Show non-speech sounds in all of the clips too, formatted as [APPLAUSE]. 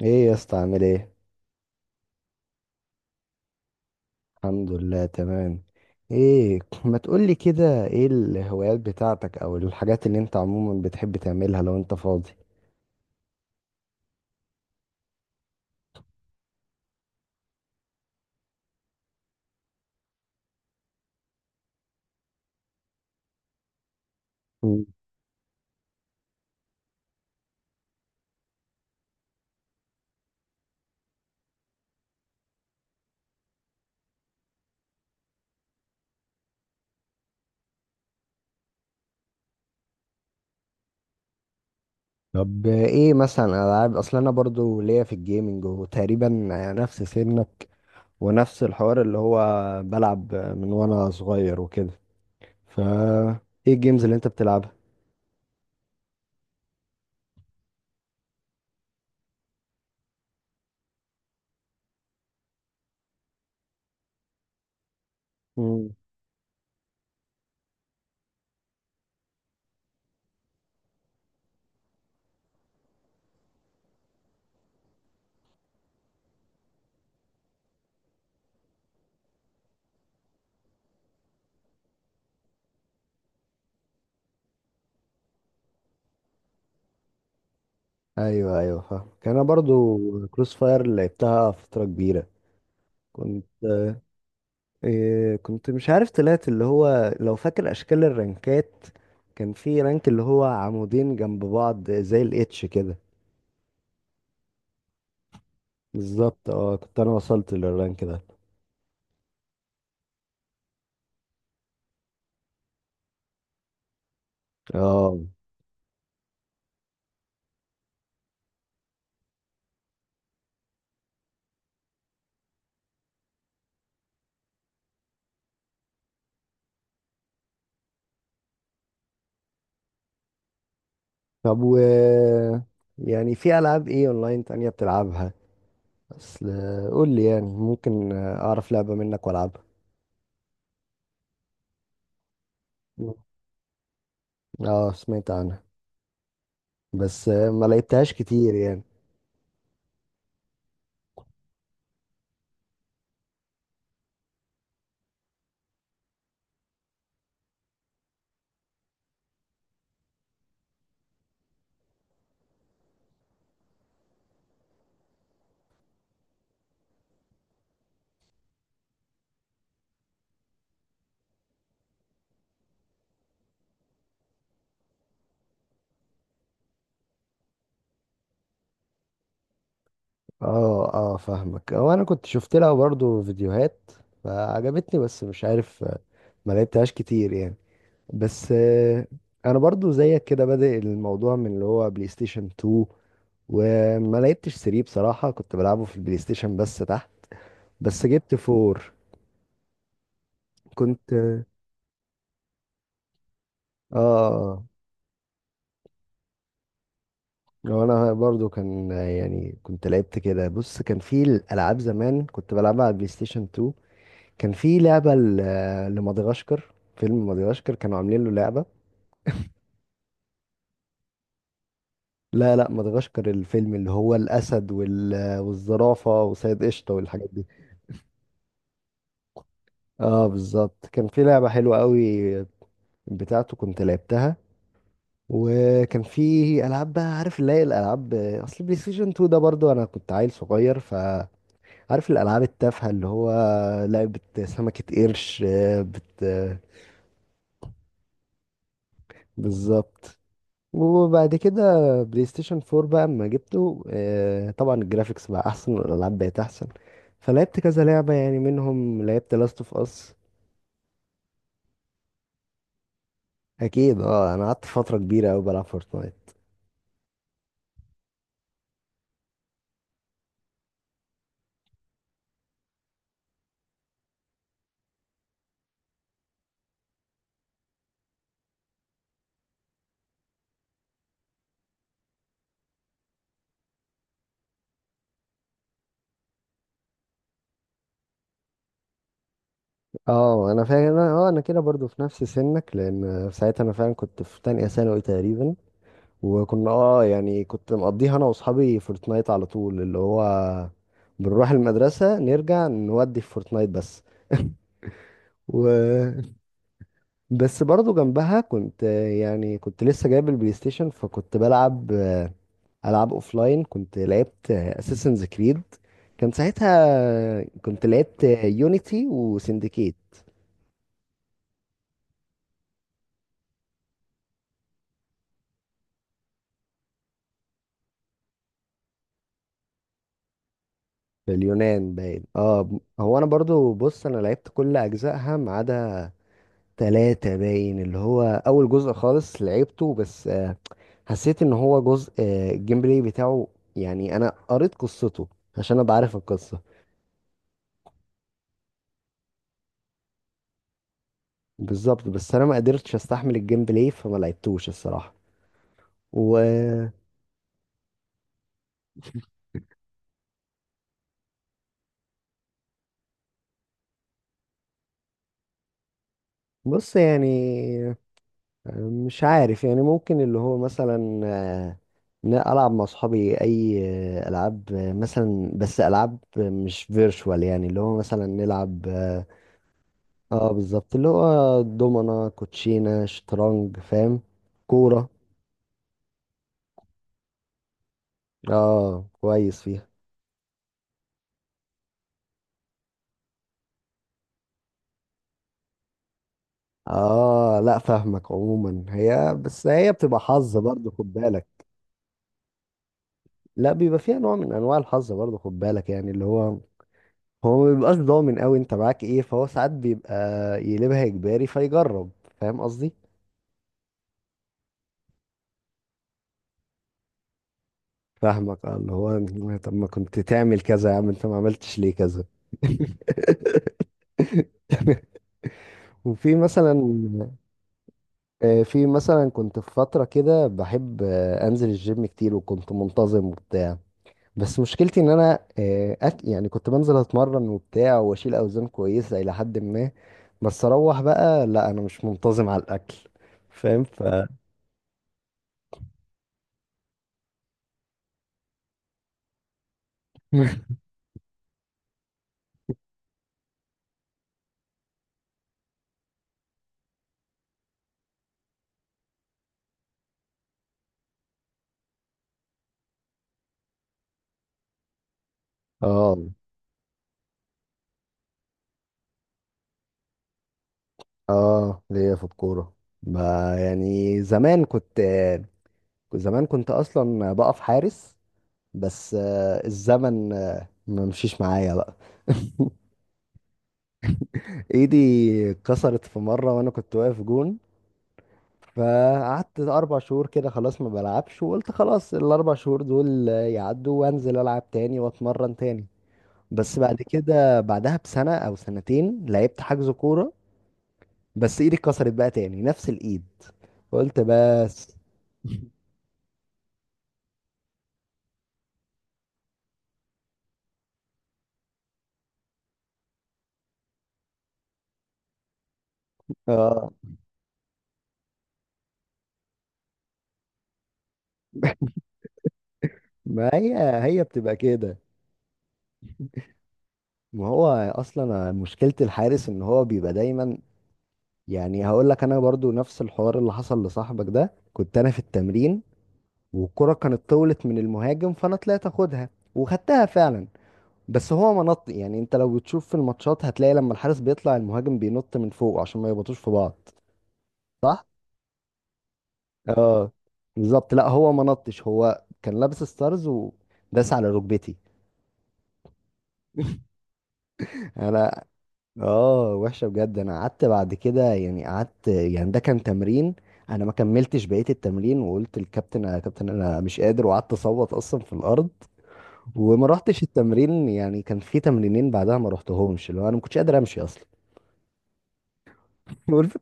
ايه يا اسطى، عامل ايه؟ الحمد لله تمام. ايه، ما تقولي كده، ايه الهوايات بتاعتك او الحاجات اللي انت عموما بتحب تعملها لو انت فاضي؟ مم. طب، ايه مثلا العاب؟ اصل انا برضو ليا في الجيمنج، وتقريبا نفس سنك، ونفس الحوار اللي هو بلعب من وانا صغير وكده، فا ايه الجيمز اللي انت بتلعبها؟ مم. ايوه ايوه، فاهم. كان انا برضو كروس فاير، لعبتها فترة كبيرة. كنت إيه، كنت مش عارف طلعت، اللي هو، لو فاكر اشكال الرنكات، كان في رنك اللي هو عمودين جنب بعض زي الاتش كده. بالظبط، اه، كنت انا وصلت للرانك ده. اه. طب، يعني في العاب ايه اونلاين تانية بتلعبها؟ اصل، قول لي، يعني ممكن اعرف لعبة منك والعبها. اه، سمعت عنها بس ما لعبتهاش كتير يعني. اه اه، فاهمك. هو انا كنت شفت لها برضو فيديوهات فعجبتني، بس مش عارف، ما لعبتهاش كتير يعني. بس انا برضو زيك كده، بادئ الموضوع من اللي هو بلاي ستيشن 2، وما لعبتش 3 بصراحة، كنت بلعبه في البلاي ستيشن بس تحت. بس جبت 4. كنت اه لو انا برضو كان، يعني كنت لعبت كده. بص، كان في الالعاب زمان كنت بلعبها على البلاي ستيشن 2، كان في لعبة لمدغشقر، فيلم مدغشقر كانوا عاملين له لعبة. لا لا، مدغشقر الفيلم اللي هو الاسد والزرافة وسيد قشطة والحاجات دي. اه بالظبط، كان في لعبة حلوة قوي بتاعته، كنت لعبتها. وكان في العاب بقى، عارف اللي هي الالعاب، اصل بلاي ستيشن 2 ده برضو انا كنت عيل صغير، فعارف الالعاب التافهة اللي هو لعبة سمكة قرش، آه، بت بالظبط. وبعد كده، بلاي ستيشن 4 بقى اما جبته، طبعا الجرافيكس بقى احسن والالعاب بقت احسن، فلعبت كذا لعبة، يعني منهم لعبت لاست اوف اس. اكيد، اه، انا قعدت فترة كبيرة قوي بلعب فورتنايت. اه انا فاهم. اه انا كده برضو في نفس سنك، لان ساعتها انا فعلا كنت في تانية ثانوي تقريبا. وكنا اه يعني كنت مقضيها انا واصحابي فورتنايت على طول، اللي هو بنروح المدرسة نرجع نودي في فورتنايت بس. و بس برضو جنبها كنت، يعني كنت لسه جايب البلاي ستيشن، فكنت بلعب العاب اوفلاين. كنت لعبت اساسنز كريد، كان ساعتها كنت لعبت يونيتي وسندكيت في اليونان باين. هو انا برضو، بص، انا لعبت كل اجزائها ما عدا تلاتة باين، اللي هو اول جزء خالص لعبته. بس حسيت ان هو جزء، الجيم بلاي بتاعه، يعني انا قريت قصته عشان ابقى عارف القصة. بالظبط. بس انا ما قدرتش استحمل الجيم بلاي فما لعبتوش الصراحة. وبص، يعني مش عارف، يعني ممكن اللي هو مثلا إن أنا ألعب مع أصحابي أي ألعاب، مثلا بس ألعاب مش فيرشوال، يعني اللي هو مثلا نلعب بالظبط، اللي هو دومنا، كوتشينة، شطرنج، فاهم، كورة. اه كويس فيها. اه لا فاهمك، عموما هي، بس هي بتبقى حظ برضه، خد بالك. لا بيبقى فيها نوع من انواع الحظ برضه، خد بالك، يعني اللي هو، هو ما بيبقاش ضامن قوي انت معاك ايه، فهو ساعات بيبقى يقلبها اجباري فيجرب، فاهم قصدي. فاهمك، اه، اللي هو، طب ما كنت تعمل كذا يا عم، انت ما عملتش ليه كذا؟ [LAUGHS] وفي مثلا آه، في مثلا كنت في فترة كده بحب انزل الجيم كتير، وكنت منتظم وبتاع، بس مشكلتي ان انا يعني كنت بنزل اتمرن وبتاع واشيل اوزان كويسة الى حد ما، بس اروح بقى لا، انا مش منتظم على الاكل، فاهم، [LAUGHS] اه اه، ليا في الكورة. ب- يعني زمان كنت اصلا بقف حارس، بس الزمن ما مشيش معايا بقى. [LAUGHS] ايدي اتكسرت في مرة وانا كنت واقف جون، فقعدت 4 شهور كده خلاص ما بلعبش، وقلت خلاص الاربع شهور دول يعدوا وانزل العب تاني واتمرن تاني، بس بعد كده بعدها بسنة او سنتين لعبت حجز كورة، بس ايدي اتكسرت بقى تاني نفس الايد، قلت بس. اه، ما هي هي بتبقى كده. ما هو اصلا مشكلة الحارس ان هو بيبقى دايما، يعني هقول لك، انا برضو نفس الحوار اللي حصل لصاحبك ده، كنت انا في التمرين والكرة كانت طولت من المهاجم، فانا طلعت اخدها وخدتها فعلا، بس هو منط، يعني انت لو بتشوف في الماتشات هتلاقي لما الحارس بيطلع المهاجم بينط من فوق عشان ما يبطوش في بعض، صح؟ اه بالظبط. لا هو ما نطش، هو كان لابس ستارز وداس على ركبتي. [LAUGHS] انا. اه، وحشة بجد، انا قعدت بعد كده، يعني قعدت، يعني ده كان تمرين، انا ما كملتش بقية التمرين، وقلت للكابتن يا كابتن انا مش قادر، وقعدت اصوت اصلا في الارض، وما رحتش التمرين، يعني كان في تمرينين بعدها ما رحتهمش، اللي هو انا ما كنتش قادر امشي اصلا. [LAUGHS] والف-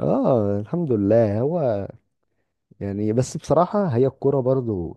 اه الحمد لله، هو يعني، بس بصراحة هي الكورة برضو،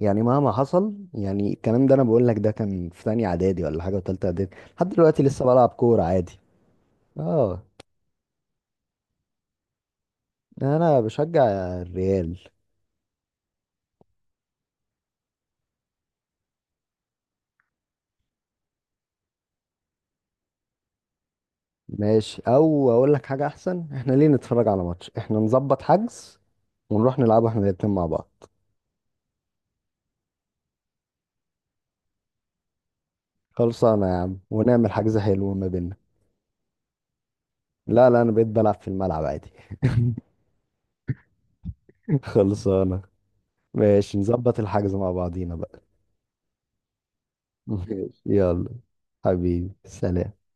يعني مهما حصل، يعني الكلام ده انا بقول لك، ده كان في تانية اعدادي ولا حاجة وتالتة اعدادي، لحد دلوقتي لسه بلعب كورة عادي. اه. انا بشجع الريال. ماشي، او اقول لك حاجه احسن، احنا ليه نتفرج على ماتش؟ احنا نظبط حجز ونروح نلعبه احنا الاتنين مع بعض. خلصانه يا عم، ونعمل حجز حلو ما بيننا. لا لا، انا بقيت بلعب في الملعب عادي. [LAUGHS] خلصانه، ماشي، نظبط الحجز مع بعضينا بقى. [LAUGHS] ماشي يلا. حبيبي سلام.